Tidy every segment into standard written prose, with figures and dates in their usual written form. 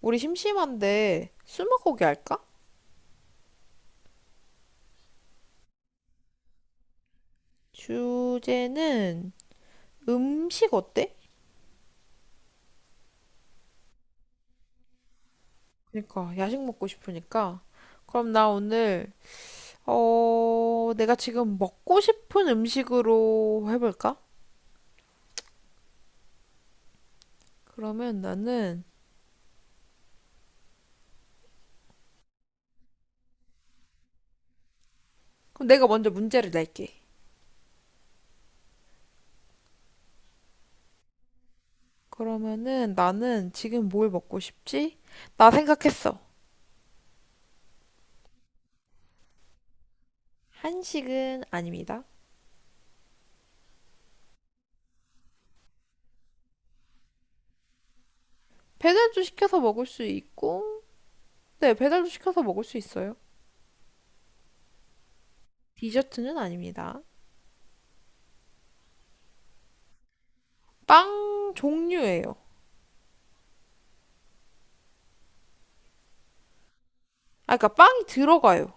우리 심심한데 스무고개 할까? 주제는 음식 어때? 그러니까 야식 먹고 싶으니까. 그럼 나 오늘 내가 지금 먹고 싶은 음식으로 해볼까? 그러면 나는 그럼 내가 먼저 문제를 낼게. 그러면은 나는 지금 뭘 먹고 싶지? 나 생각했어. 한식은 아닙니다. 배달도 시켜서 먹을 수 있고, 네, 배달도 시켜서 먹을 수 있어요. 디저트는 아닙니다. 빵 종류예요. 아, 그러니까 빵이 들어가요.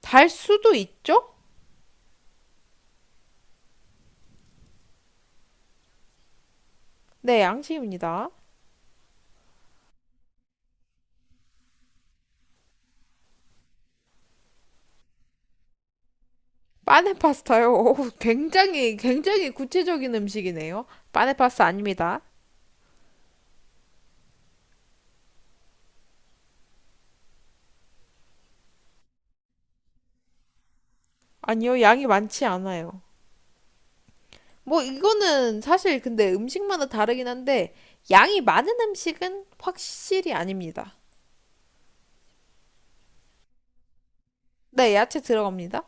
달 수도 있죠? 네, 양식입니다. 빠네 파스타요. 오, 굉장히 굉장히 구체적인 음식이네요. 빠네 파스타 아닙니다. 아니요, 양이 많지 않아요. 뭐 이거는 사실 근데 음식마다 다르긴 한데 양이 많은 음식은 확실히 아닙니다. 네, 야채 들어갑니다.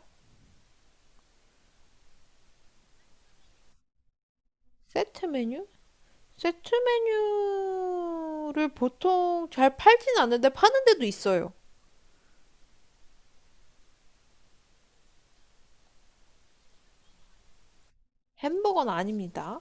세트 메뉴? 세트 메뉴를 보통 잘 팔진 않는데 파는 데도 있어요. 햄버거는 아닙니다.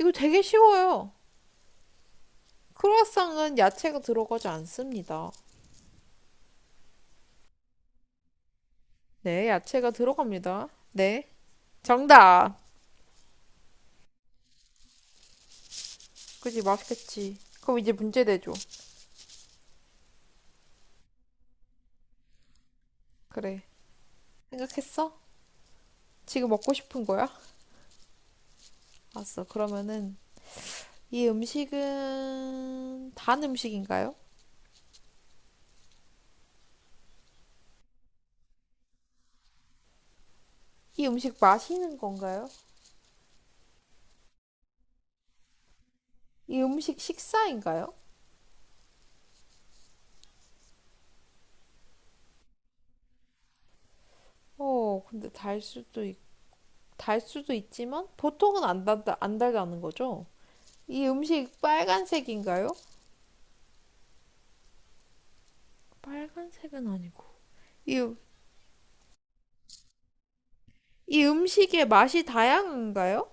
이거 되게 쉬워요. 크루아상은 야채가 들어가지 않습니다. 네, 야채가 들어갑니다. 네, 정답. 그지, 맛있겠지. 그럼 이제 문제 내줘. 그래. 생각했어? 지금 먹고 싶은 거야? 알았어. 그러면은 이 음식은 단 음식인가요? 이 음식 마시는 건가요? 이 음식 식사인가요? 어, 근데 달 수도 있지만 보통은 안 달다는 거죠? 이 음식 빨간색인가요? 빨간색은 아니고. 이, 이 음식의 맛이 다양한가요?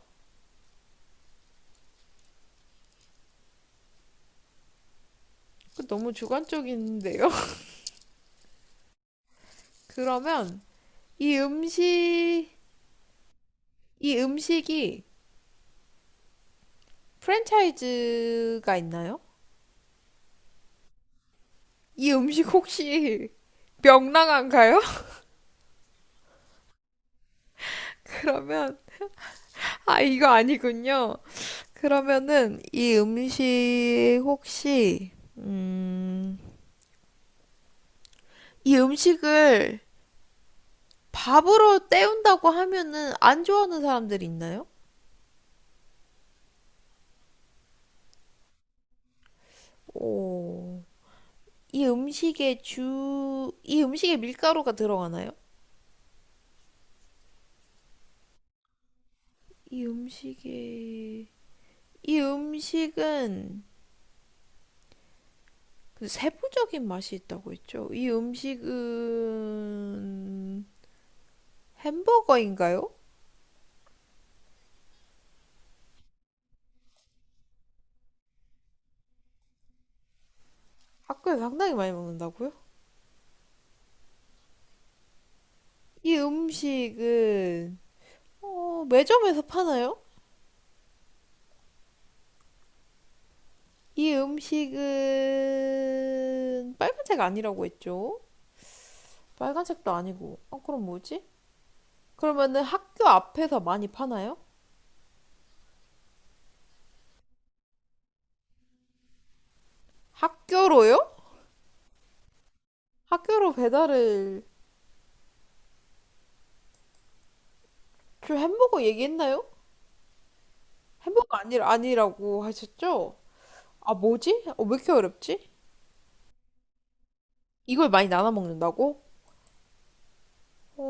너무 주관적인데요. 그러면 이 음식, 이 음식이 프랜차이즈가 있나요? 이 음식 혹시 명랑한가요? 그러면, 아, 이거 아니군요. 그러면은 이 음식 혹시, 이 음식을 밥으로 때운다고 하면은 안 좋아하는 사람들이 있나요? 오, 이 음식에 밀가루가 들어가나요? 이 음식에, 이 음식은 그 세부적인 맛이 있다고 했죠. 이 음식은 햄버거인가요? 학교에서 상당히 많이 먹는다고요? 이 음식은 매점에서 파나요? 이 음식은 빨간색 아니라고 했죠. 빨간색도 아니고. 어, 그럼 뭐지? 그러면은 학교 앞에서 많이 파나요? 학교로요? 학교로 배달을 저 햄버거 얘기했나요? 햄버거 아니 아니라고 하셨죠? 아 뭐지? 어, 왜 이렇게 어렵지? 이걸 많이 나눠 먹는다고? 어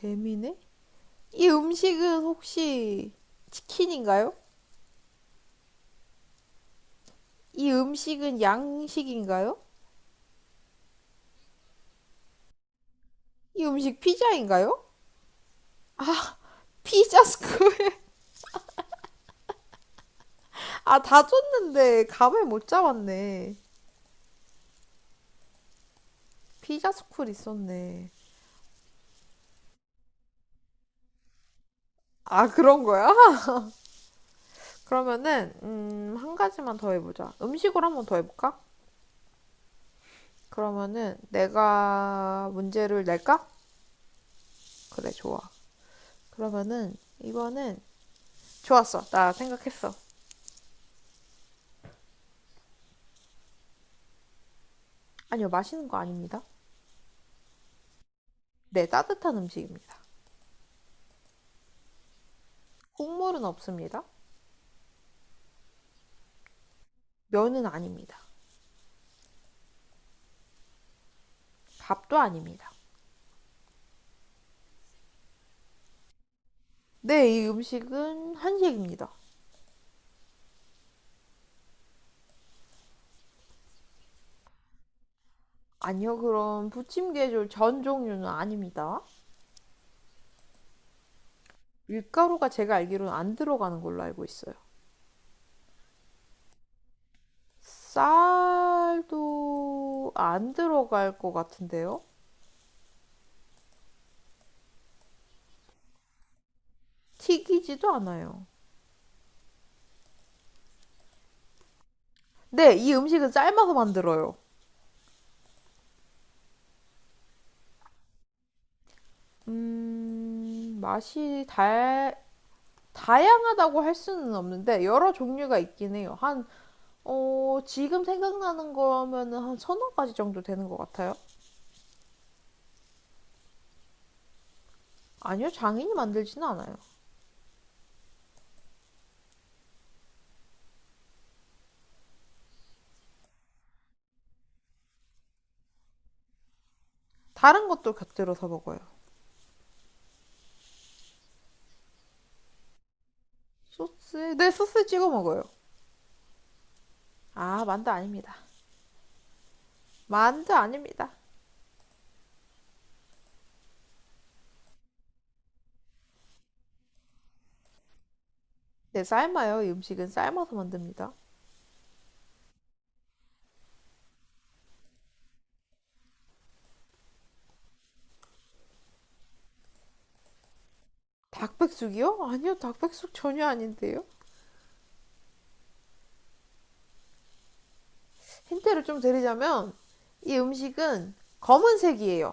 뱀이네? 이 음식은 혹시 치킨인가요? 이 음식은 양식인가요? 이 음식 피자인가요? 피자 스쿨 아 다 줬는데 감을 못 잡았네. 피자 스쿨 있었네. 아 그런 거야? 그러면은 한 가지만 더 해보자. 음식으로 한번 더 해볼까? 그러면은 내가 문제를 낼까? 그래, 좋아. 그러면은 이번엔 좋았어. 나 생각했어. 아니요, 마시는 거 아닙니다. 네, 따뜻한 음식입니다. 국물은 없습니다. 면은 아닙니다. 밥도 아닙니다. 네, 이 음식은 한식입니다. 아니요, 그럼 부침 개줄 전 종류는 아닙니다. 밀가루가 제가 알기로는 안 들어가는 걸로 알고 있어요. 쌀도 안 들어갈 것 같은데요? 튀기지도 않아요. 네, 이 음식은 삶아서 만들어요. 음, 맛이 다, 다양하다고 할 수는 없는데, 여러 종류가 있긴 해요. 지금 생각나는 거면은 한 서너 가지 정도 되는 것 같아요. 아니요, 장인이 만들지는 않아요. 다른 것도 곁들여서 먹어요. 네, 소스 찍어 먹어요. 아, 만두 아닙니다. 만두 아닙니다. 네, 삶아요. 이 음식은 삶아서 만듭니다. 닭백숙이요? 아니요, 닭백숙 전혀 아닌데요. 힌트를 좀 드리자면 이 음식은 검은색이에요.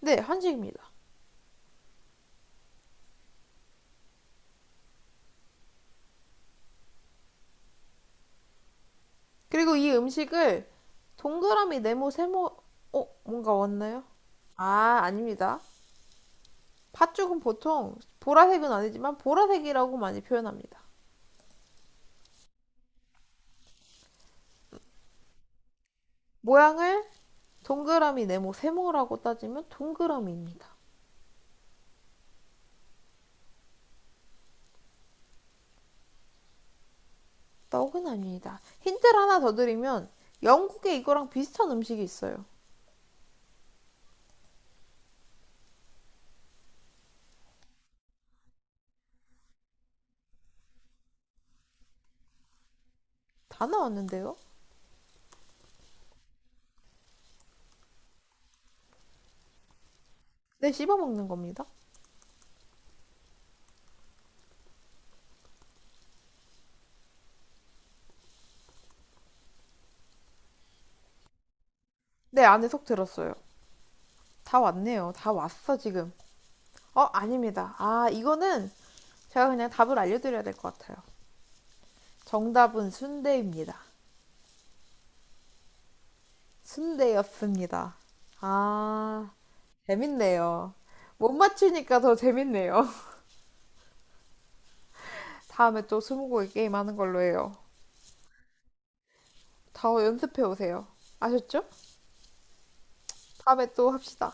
네, 한식입니다. 그리고 이 음식을 동그라미, 네모, 세모, 어, 뭔가 왔나요? 아, 아닙니다. 팥죽은 보통 보라색은 아니지만 보라색이라고 많이 표현합니다. 모양을 동그라미, 네모, 세모라고 따지면 동그라미입니다. 떡은 아닙니다. 힌트를 하나 더 드리면 영국에 이거랑 비슷한 음식이 있어요. 다 나왔는데요? 네, 씹어먹는 겁니다. 네, 안에 속 들었어요. 다 왔네요. 다 왔어, 지금. 어, 아닙니다. 아, 이거는 제가 그냥 답을 알려드려야 될 것 같아요. 정답은 순대입니다. 순대였습니다. 아, 재밌네요. 못 맞추니까 더 재밌네요. 다음에 또 스무고개 게임 하는 걸로 해요. 다 연습해 오세요. 아셨죠? 다음에 또 합시다.